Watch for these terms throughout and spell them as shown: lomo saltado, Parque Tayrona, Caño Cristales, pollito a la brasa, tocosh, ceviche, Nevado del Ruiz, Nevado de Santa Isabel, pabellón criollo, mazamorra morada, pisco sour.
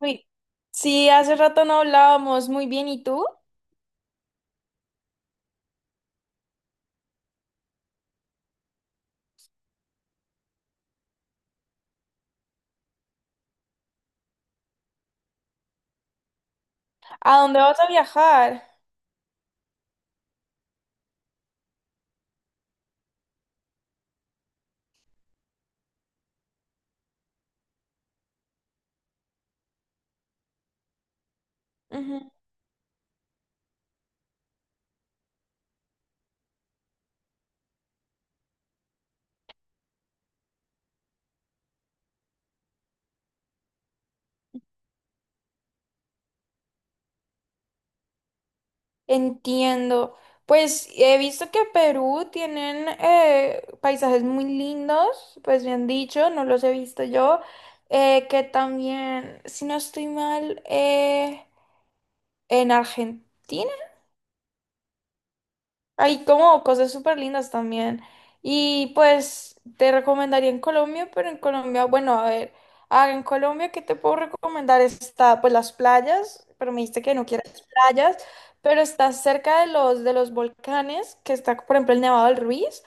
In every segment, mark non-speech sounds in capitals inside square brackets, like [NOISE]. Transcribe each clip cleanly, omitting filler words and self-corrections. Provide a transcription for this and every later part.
Uy, sí, hace rato no hablábamos. Muy bien, ¿y tú? ¿A dónde vas a viajar? Ujú. Entiendo. Pues he visto que Perú tienen paisajes muy lindos, pues bien dicho, no los he visto yo. Que también, si no estoy mal, en Argentina. Hay como cosas súper lindas también. Y pues te recomendaría en Colombia, pero en Colombia, bueno, a ver, ah, en Colombia, ¿qué te puedo recomendar? Está pues las playas, pero me dijiste que no quieres playas, pero está cerca de los volcanes, que está, por ejemplo, el Nevado del Ruiz.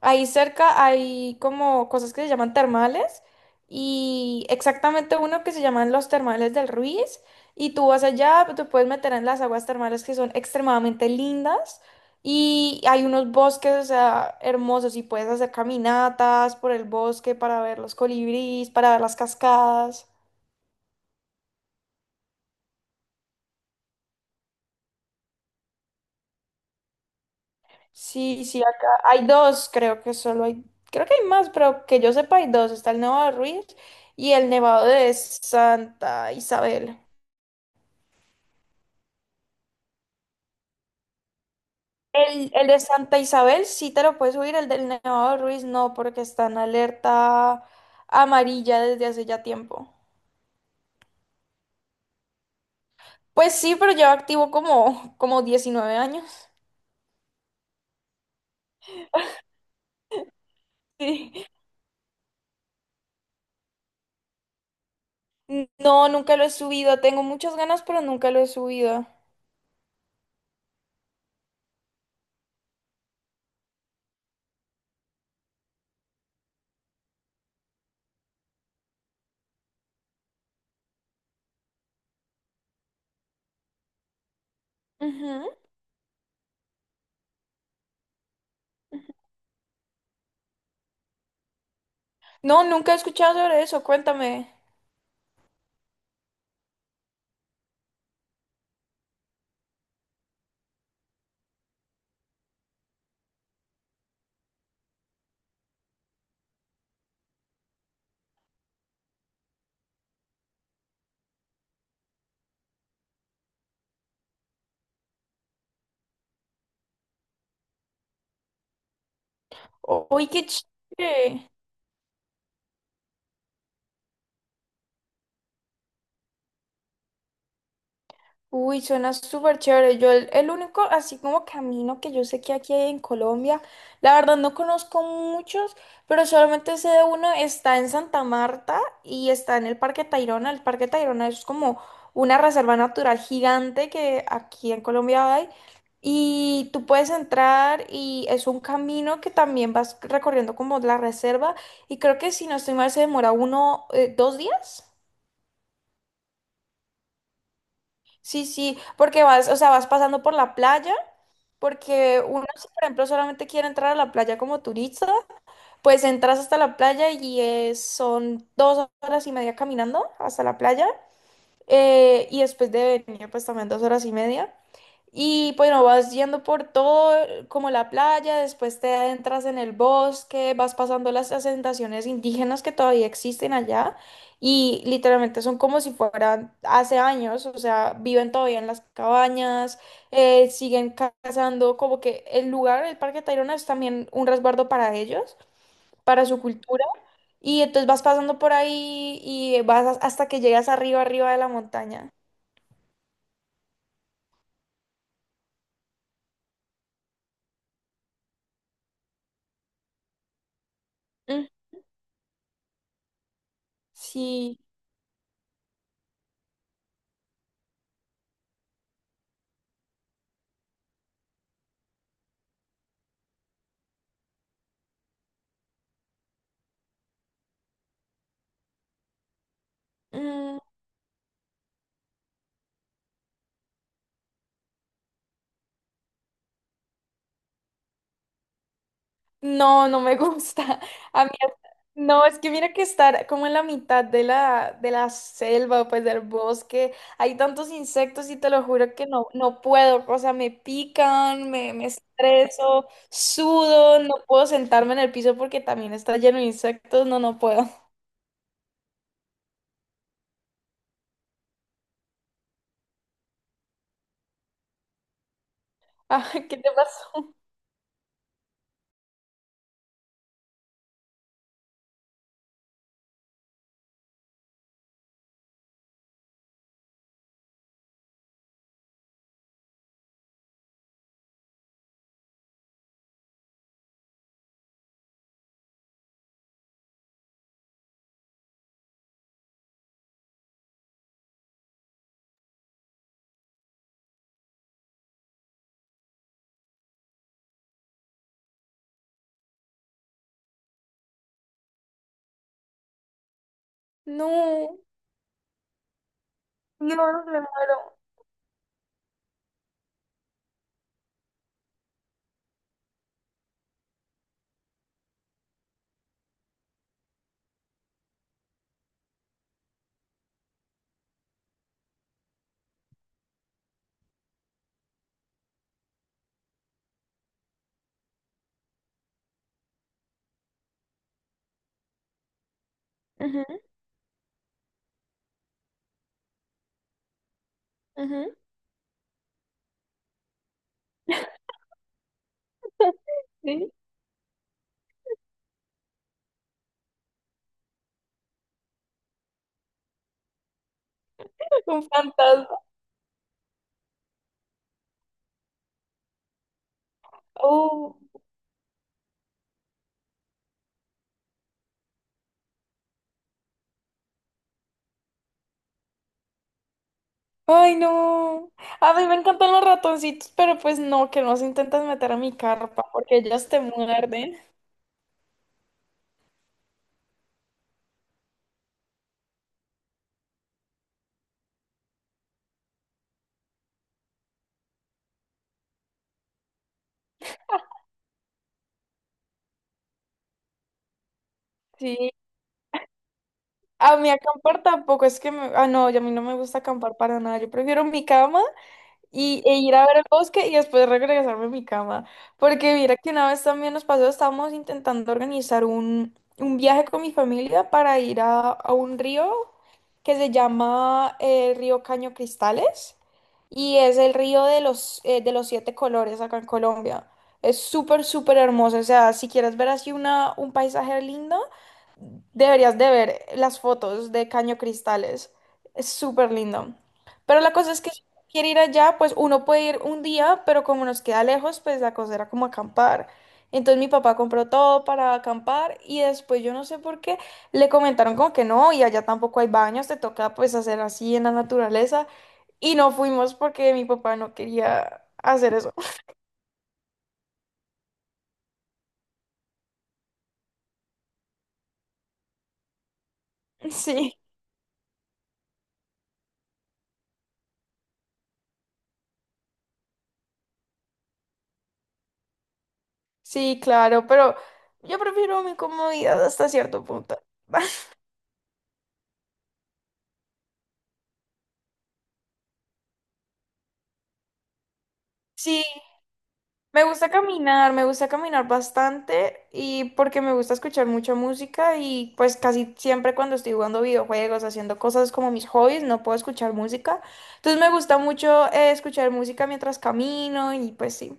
Ahí cerca hay como cosas que se llaman termales y exactamente uno que se llaman los termales del Ruiz. Y tú vas allá, pues, te puedes meter en las aguas termales que son extremadamente lindas. Y hay unos bosques, o sea, hermosos y puedes hacer caminatas por el bosque para ver los colibríes, para ver las cascadas. Sí, sí, acá hay dos, creo que solo hay, creo que hay más, pero que yo sepa hay dos. Está el Nevado de Ruiz y el Nevado de Santa Isabel. El de Santa Isabel sí te lo puedes subir, el del Nevado de Ruiz no, porque está en alerta amarilla desde hace ya tiempo. Pues sí, pero lleva activo como, 19 años. Sí. No, nunca lo he subido. Tengo muchas ganas, pero nunca lo he subido. Ujú. No, nunca he escuchado sobre eso. Cuéntame. Uy, qué chévere. Uy, suena súper chévere. Yo el único, así como camino que yo sé que aquí hay en Colombia, la verdad no conozco muchos, pero solamente sé de uno, está en Santa Marta y está en el Parque Tayrona. El Parque Tayrona es como una reserva natural gigante que aquí en Colombia hay. Y tú puedes entrar y es un camino que también vas recorriendo como la reserva. Y creo que si no estoy mal se demora uno, 2 días. Sí, sí, porque vas, o sea, vas pasando por la playa, porque uno, si por ejemplo, solamente quiere entrar a la playa como turista, pues entras hasta la playa y son 2 horas y media caminando hasta la playa, y después de venir, pues también 2 horas y media. Y bueno, vas yendo por todo, como la playa, después te adentras en el bosque, vas pasando las asentaciones indígenas que todavía existen allá y literalmente son como si fueran hace años, o sea, viven todavía en las cabañas, siguen cazando, como que el lugar, el Parque Tayrona es también un resguardo para ellos, para su cultura, y entonces vas pasando por ahí y vas hasta que llegas arriba, arriba de la montaña. Mm, sí. Mm. No, no me [LAUGHS] gusta. A mí, no, es que mira que estar como en la mitad de la selva, pues del bosque, hay tantos insectos y te lo juro que no, no puedo. O sea, me pican, me estreso, sudo, no puedo sentarme en el piso porque también está lleno de insectos. No, no puedo. [LAUGHS] Ah, ¿qué te pasó? No, no, me muero. Ujú, ujú. [LAUGHS] Sí, un fantasma. Oh. Ay, no. A mí me encantan los ratoncitos, pero pues no, que no se intentan meter a mi carpa porque ellos te muerden. Sí. A mí acampar tampoco es que me. Ah, no, y a mí no me gusta acampar para nada. Yo prefiero mi cama e ir a ver el bosque y después regresarme a mi cama. Porque mira que una vez también nos pasó, estábamos intentando organizar un viaje con mi familia para ir a un río que se llama el río Caño Cristales y es el río de los, de los siete colores acá en Colombia. Es súper, súper hermoso. O sea, si quieres ver así un paisaje lindo, deberías de ver las fotos de Caño Cristales. Es súper lindo. Pero la cosa es que quiere ir allá, pues uno puede ir un día, pero como nos queda lejos, pues la cosa era como acampar. Entonces mi papá compró todo para acampar y después yo no sé por qué le comentaron como que no, y allá tampoco hay baños, te toca pues hacer así en la naturaleza. Y no fuimos porque mi papá no quería hacer eso. [LAUGHS] Sí, sí, claro, pero yo prefiero mi comodidad hasta cierto punto. [LAUGHS] Sí. Me gusta caminar bastante y porque me gusta escuchar mucha música y pues casi siempre cuando estoy jugando videojuegos, haciendo cosas como mis hobbies, no puedo escuchar música. Entonces me gusta mucho escuchar música mientras camino y pues sí,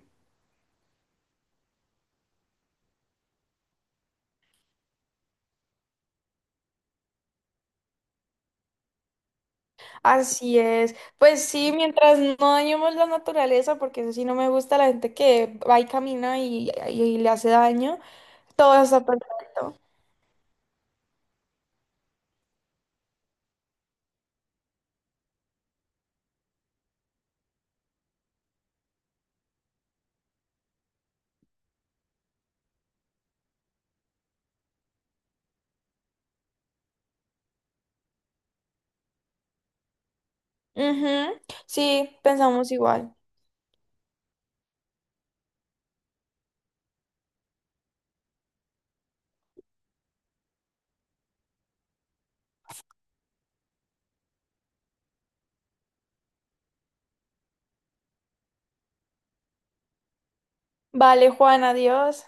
así es. Pues sí, mientras no dañemos la naturaleza, porque eso sí no me gusta la gente que va y camina y le hace daño, todo está perfecto. Ujú. Sí, pensamos igual. Vale, Juan, adiós.